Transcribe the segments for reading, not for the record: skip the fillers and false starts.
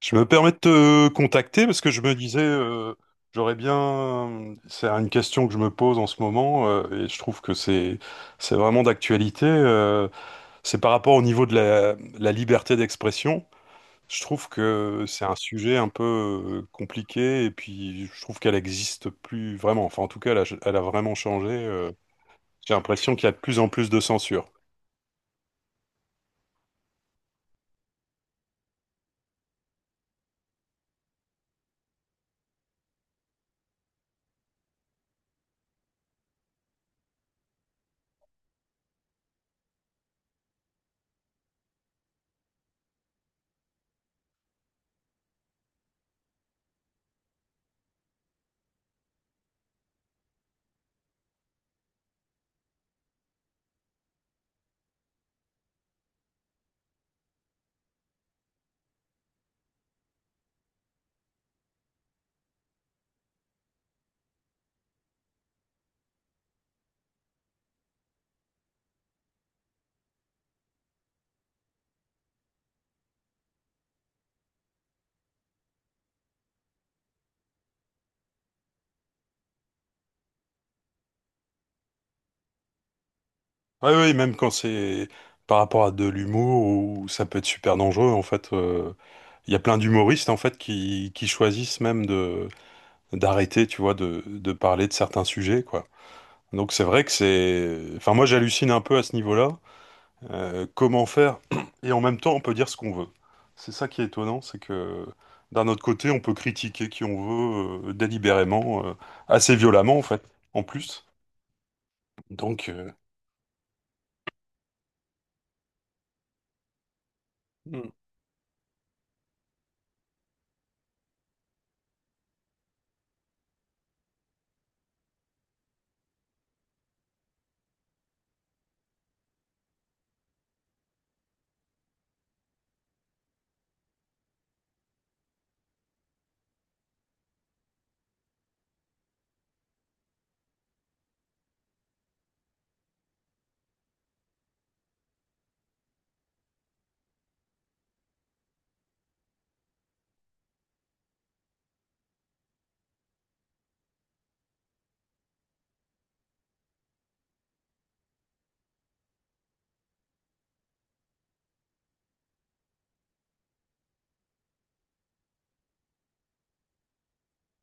Je me permets de te contacter parce que je me disais, j'aurais bien, c'est une question que je me pose en ce moment et je trouve que c'est vraiment d'actualité. C'est par rapport au niveau de la liberté d'expression. Je trouve que c'est un sujet un peu compliqué et puis je trouve qu'elle existe plus vraiment. Enfin, en tout cas, elle a vraiment changé. J'ai l'impression qu'il y a de plus en plus de censure. Oui, oui, même quand c'est par rapport à de l'humour où ça peut être super dangereux, en fait, il y a plein d'humoristes en fait qui choisissent même de d'arrêter, tu vois, de parler de certains sujets, quoi. Donc c'est vrai que c'est, enfin moi j'hallucine un peu à ce niveau-là. Comment faire? Et en même temps, on peut dire ce qu'on veut. C'est ça qui est étonnant, c'est que d'un autre côté, on peut critiquer qui on veut délibérément, assez violemment en fait, en plus. Donc. Mm.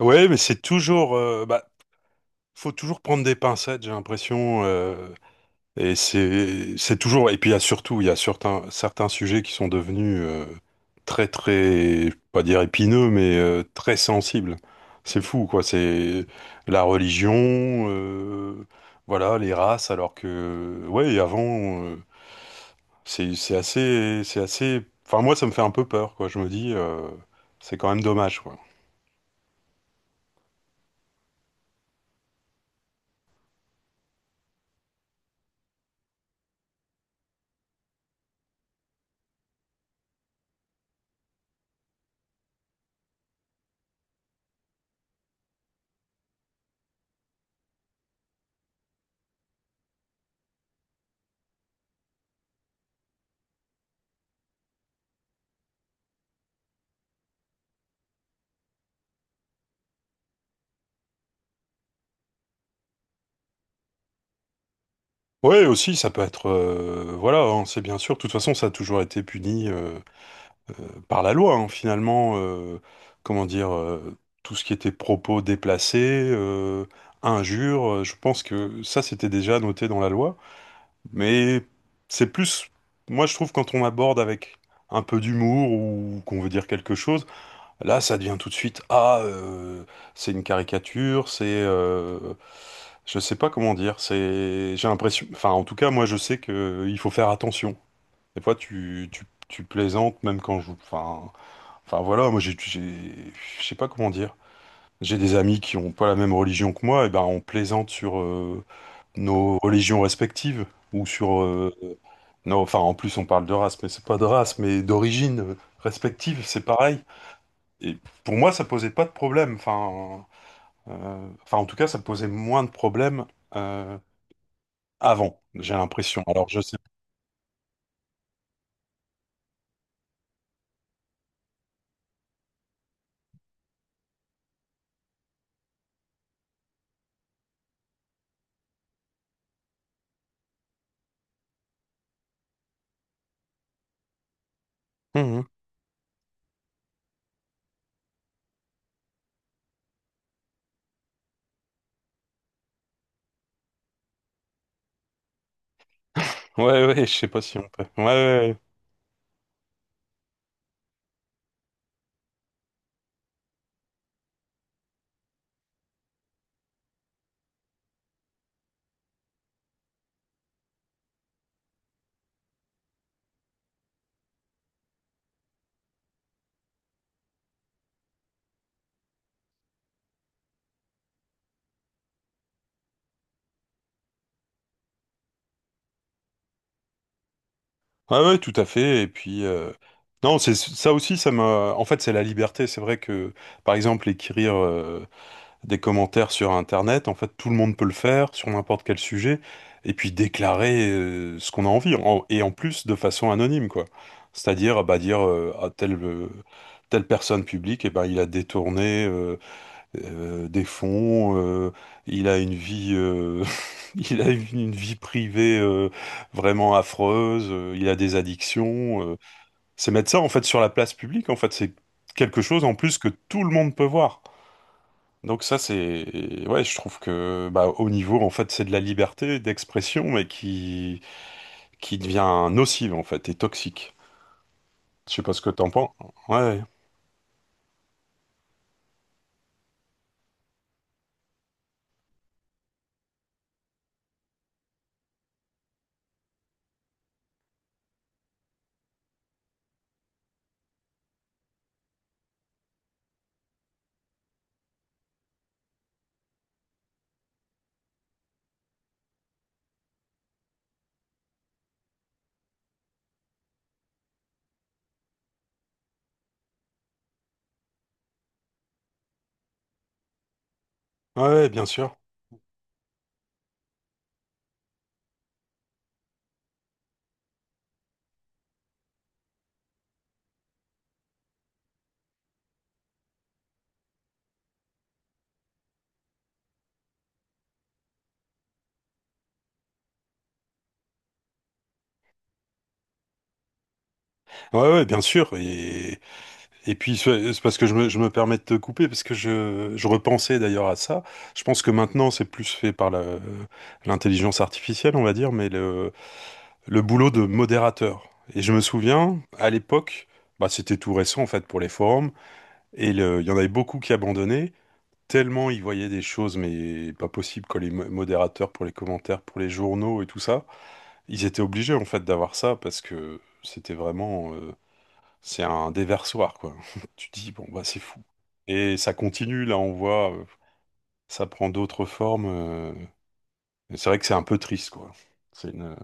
Ouais, mais c'est toujours. Bah, faut toujours prendre des pincettes, j'ai l'impression. Et c'est toujours. Et puis il y a surtout, il y a certains sujets qui sont devenus très très, je peux pas dire épineux, mais très sensibles. C'est fou, quoi. C'est la religion, euh, voilà, les races. Alors que ouais, avant, c'est assez. Enfin moi, ça me fait un peu peur, quoi. Je me dis, c'est quand même dommage, quoi. Ouais, aussi, ça peut être, voilà, hein, c'est bien sûr. De toute façon, ça a toujours été puni, par la loi, hein, finalement, comment dire, tout ce qui était propos déplacés, injures, je pense que ça, c'était déjà noté dans la loi. Mais c'est plus, moi, je trouve, quand on aborde avec un peu d'humour ou qu'on veut dire quelque chose, là, ça devient tout de suite, ah, c'est une caricature, c'est, je sais pas comment dire, c'est. J'ai l'impression. Enfin, en tout cas, moi, je sais que il faut faire attention. Des fois, tu plaisantes, même quand je. Enfin, voilà, moi je sais pas comment dire. J'ai des amis qui ont pas la même religion que moi, et ben on plaisante sur nos religions respectives ou sur non, enfin en plus on parle de race, mais c'est pas de race, mais d'origine respective, c'est pareil. Et pour moi ça posait pas de problème, enfin enfin en tout cas ça posait moins de problèmes euh, avant, j'ai l'impression. Alors je sais. Mhm. Ouais, ouais, je sais pas si on peut. Ouais, ouais. Ouais. Ah ouais, tout à fait. Et puis, non, c'est ça aussi, ça m'a. En fait, c'est la liberté. C'est vrai que, par exemple, écrire des commentaires sur Internet, en fait, tout le monde peut le faire sur n'importe quel sujet, et puis déclarer ce qu'on a envie, et en plus de façon anonyme, quoi. C'est-à-dire, bah, dire à telle personne publique, et ben, il a détourné, des fonds, il a une vie, il a une vie privée vraiment affreuse, il a des addictions. C'est mettre ça en fait sur la place publique, en fait, c'est quelque chose en plus que tout le monde peut voir. Donc ça, c'est, ouais, je trouve que bah, au niveau, en fait, c'est de la liberté d'expression, mais qui devient nocive, en fait, et toxique. Je sais pas ce que t'en penses. Ouais, ouais, ouais, bien sûr. Ouais, ouais, bien sûr. Et puis, c'est parce que je me permets de te couper, parce que je repensais d'ailleurs à ça. Je pense que maintenant, c'est plus fait par l'intelligence artificielle, on va dire, mais le boulot de modérateur. Et je me souviens, à l'époque, bah, c'était tout récent en fait pour les forums, et il y en avait beaucoup qui abandonnaient, tellement ils voyaient des choses, mais pas possible, quand les modérateurs pour les commentaires, pour les journaux et tout ça, ils étaient obligés en fait d'avoir ça, parce que c'était vraiment. C'est un déversoir, quoi. Tu dis, bon, bah, c'est fou. Et ça continue, là, on voit, ça prend d'autres formes. Et c'est vrai que c'est un peu triste, quoi. C'est une.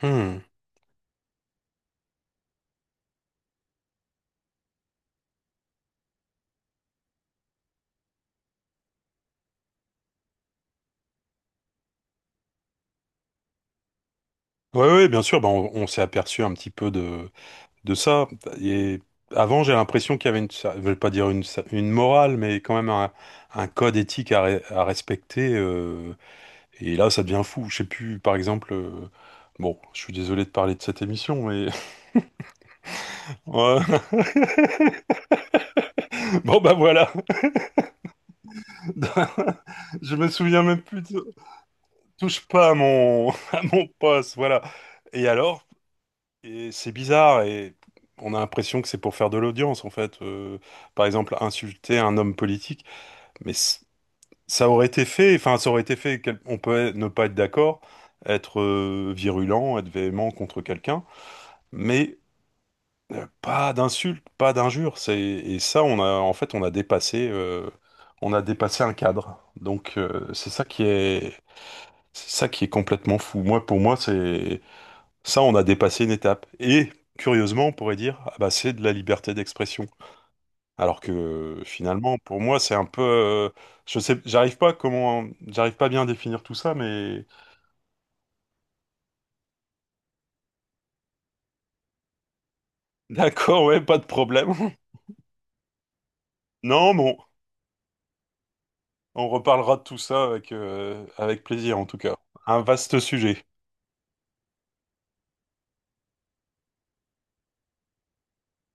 Hmm. Ouais, ouais, bien sûr, bah, on s'est aperçu un petit peu de ça. Et avant, j'ai l'impression qu'il y avait je vais pas dire une morale, mais quand même un code éthique à respecter. Et là, ça devient fou. Je sais plus, par exemple, bon, je suis désolé de parler de cette émission, mais. Ouais. Bon, bah voilà. Je me souviens même plus de. Touche pas à mon, à mon poste, voilà. Et alors, et c'est bizarre et on a l'impression que c'est pour faire de l'audience, en fait. Par exemple, insulter un homme politique, mais ça aurait été fait, enfin, ça aurait été fait, on peut ne pas être d'accord, être virulent, être véhément contre quelqu'un, mais pas d'insultes, pas d'injures. C'est. Et ça, on a, en fait, on a dépassé un cadre. Donc, c'est ça qui est. C'est ça qui est complètement fou. Moi, pour moi, c'est ça, on a dépassé une étape. Et curieusement, on pourrait dire, ah bah, c'est de la liberté d'expression. Alors que finalement, pour moi, c'est un peu, je sais, j'arrive pas comment, j'arrive pas bien à définir tout ça, mais d'accord, ouais, pas de problème. Non, bon, on reparlera de tout ça avec plaisir en tout cas. Un vaste sujet.